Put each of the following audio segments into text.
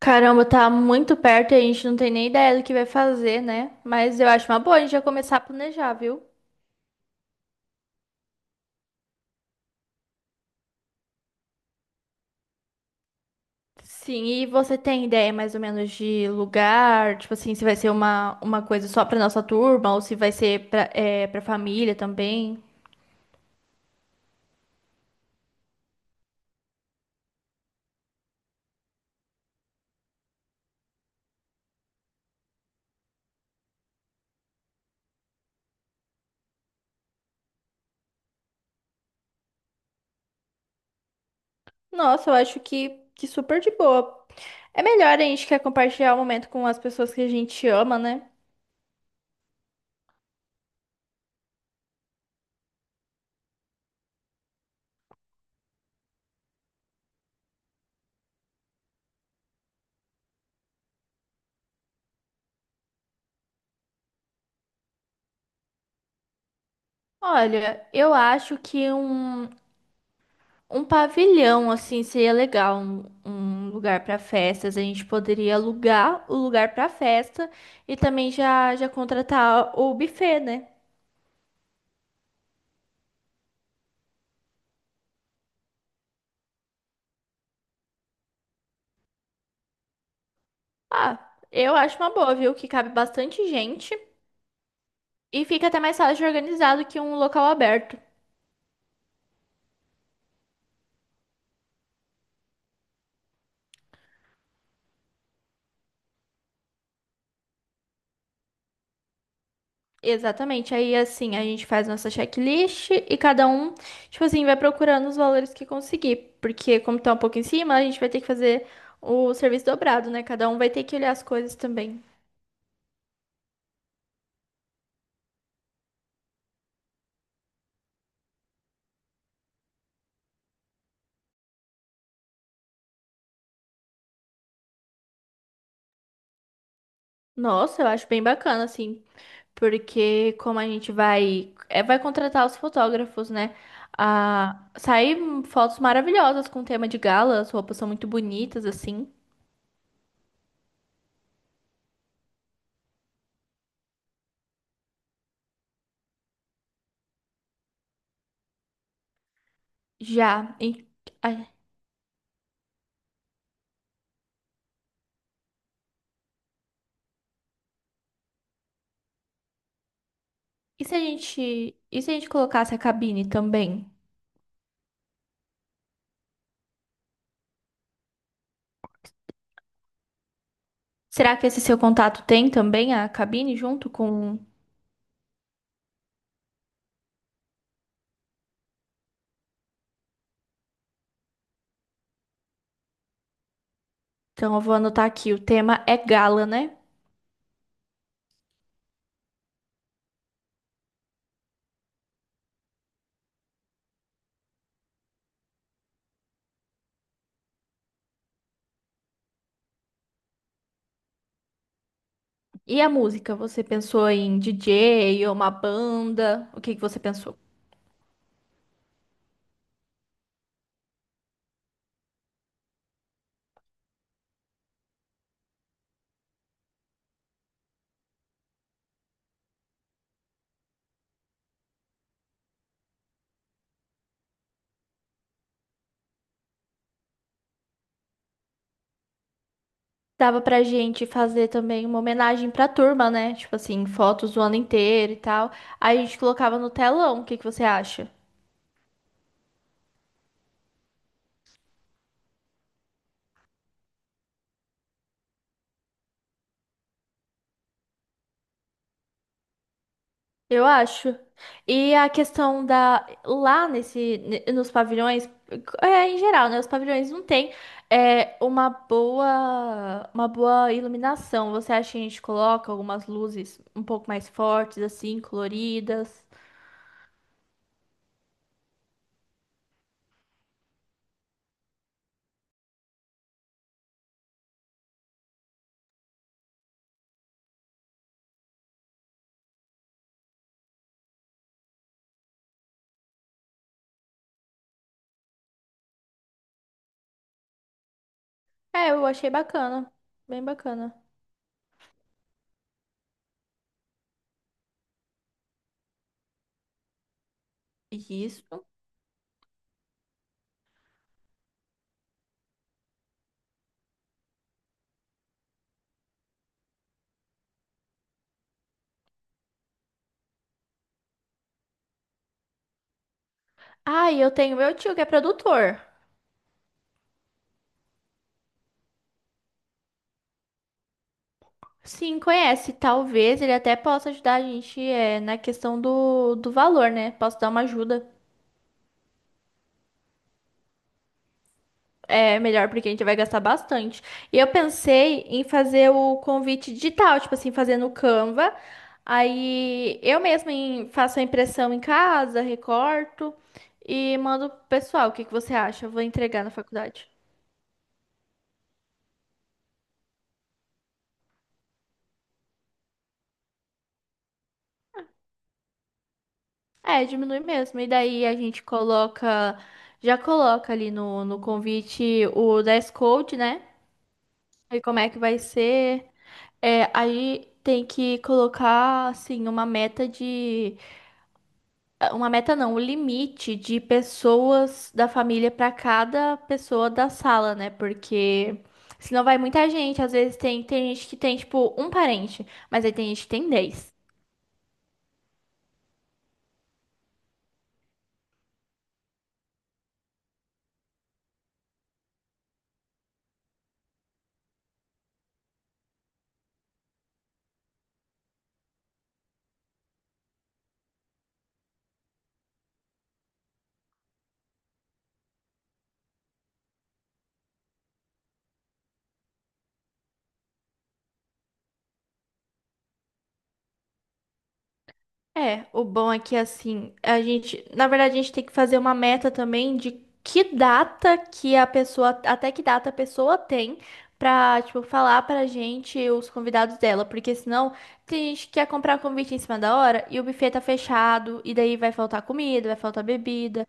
Caramba, tá muito perto e a gente não tem nem ideia do que vai fazer, né? Mas eu acho uma boa a gente já começar a planejar, viu? Sim, e você tem ideia mais ou menos de lugar? Tipo assim, se vai ser uma coisa só pra nossa turma ou se vai ser pra família também? Nossa, eu acho que super de boa. É melhor a gente quer compartilhar o momento com as pessoas que a gente ama, né? Olha, eu acho que um. Um pavilhão, assim, seria legal, um lugar para festas. A gente poderia alugar o lugar para festa e também já contratar o buffet, né? Ah, eu acho uma boa, viu? Que cabe bastante gente e fica até mais fácil de organizar do que um local aberto. Exatamente. Aí, assim, a gente faz nossa checklist e cada um, tipo assim, vai procurando os valores que conseguir. Porque, como tá um pouco em cima, a gente vai ter que fazer o serviço dobrado, né? Cada um vai ter que olhar as coisas também. Nossa, eu acho bem bacana, assim, porque como a gente vai, é, vai contratar os fotógrafos, né? Ah, sair fotos maravilhosas com tema de gala, as roupas são muito bonitas, assim. Já. A- e se a gente, e se a gente colocasse a cabine também? Será que esse seu contato tem também a cabine junto com. Então eu vou anotar aqui, o tema é gala, né? E a música? Você pensou em DJ ou uma banda? O que que você pensou? Dava pra gente fazer também uma homenagem pra turma, né? Tipo assim, fotos o ano inteiro e tal. Aí a gente colocava no telão, o que que você acha? Eu acho. E a questão da. Lá nos pavilhões, é, em geral, né? Os pavilhões não tem é, uma boa iluminação. Você acha que a gente coloca algumas luzes um pouco mais fortes, assim, coloridas? É, eu achei bacana. Bem bacana. Isso. Ah, e eu tenho meu tio que é produtor. Sim, conhece. Talvez ele até possa ajudar a gente é, na questão do valor, né? Posso dar uma ajuda. É melhor porque a gente vai gastar bastante. E eu pensei em fazer o convite digital, tipo assim, fazer no Canva. Aí eu mesma faço a impressão em casa, recorto e mando pro pessoal. O que que você acha? Eu vou entregar na faculdade. É, diminui mesmo. E daí a gente coloca, já coloca ali no convite o dress code, né? E como é que vai ser? É, aí tem que colocar assim uma meta não, o limite de pessoas da família para cada pessoa da sala, né? Porque senão vai muita gente, às vezes tem tem gente que tem tipo um parente, mas aí tem gente que tem 10. É, o bom é que assim, a gente, na verdade, a gente tem que fazer uma meta também de que data que a pessoa, até que data a pessoa tem pra, tipo, falar pra gente os convidados dela, porque senão tem gente que quer comprar convite em cima da hora e o buffet tá fechado e daí vai faltar comida, vai faltar bebida.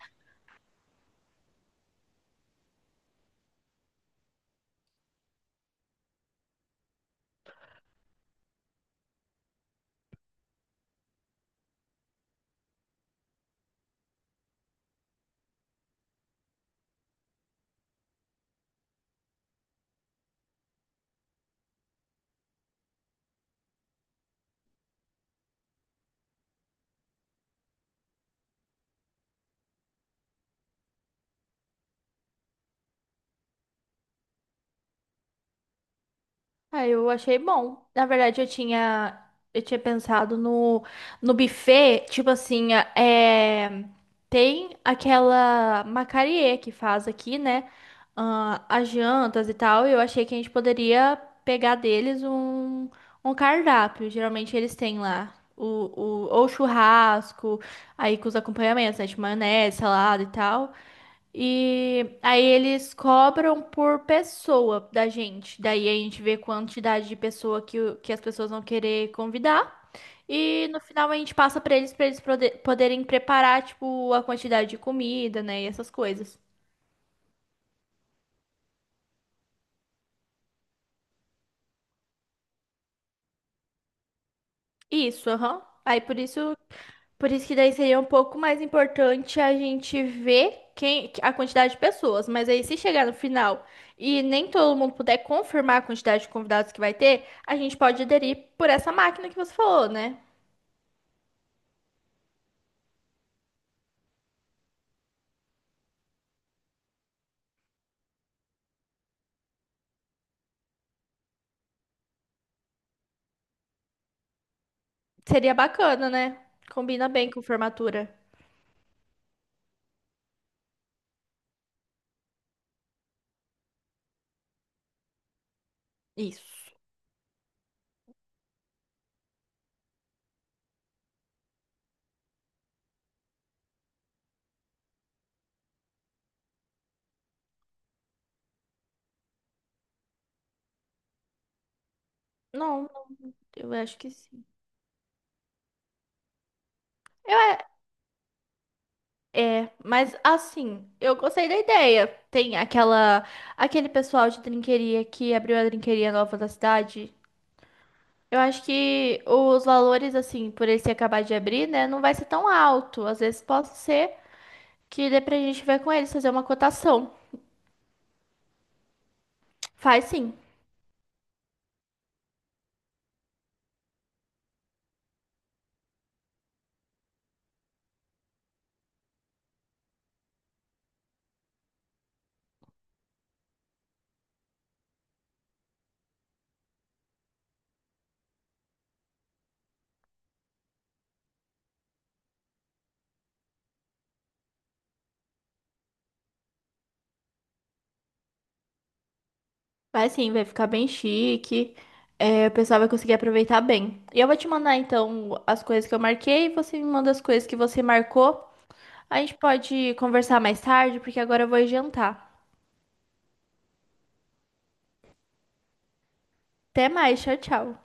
Ah, eu achei bom. Na verdade, eu tinha pensado no buffet, tipo assim, é, tem aquela Macarie que faz aqui, né? Ah, as jantas e tal. E eu achei que a gente poderia pegar deles um, um cardápio. Geralmente eles têm lá ou churrasco, aí com os acompanhamentos, né? De maionese, salada e tal. E aí eles cobram por pessoa da gente. Daí a gente vê quantidade de pessoa que, que as pessoas vão querer convidar. E no final a gente passa pra eles poderem preparar, tipo, a quantidade de comida, né? E essas coisas. Isso, aham. Aí por isso Por isso que daí seria um pouco mais importante a gente ver quem a quantidade de pessoas. Mas aí, se chegar no final e nem todo mundo puder confirmar a quantidade de convidados que vai ter, a gente pode aderir por essa máquina que você falou, né? Seria bacana, né? Combina bem com formatura. Isso. Não, não, eu acho que sim. Eu é, mas assim, eu gostei da ideia. Tem aquela, aquele pessoal de trinqueria que abriu a trinqueria nova da cidade. Eu acho que os valores, assim, por ele se acabar de abrir, né, não vai ser tão alto. Às vezes pode ser que dê pra gente ver com eles, fazer uma cotação. Faz sim, faz sim, vai ficar bem chique. É, o pessoal vai conseguir aproveitar bem. E eu vou te mandar, então, as coisas que eu marquei, você me manda as coisas que você marcou. A gente pode conversar mais tarde, porque agora eu vou jantar. Até mais, tchau, tchau.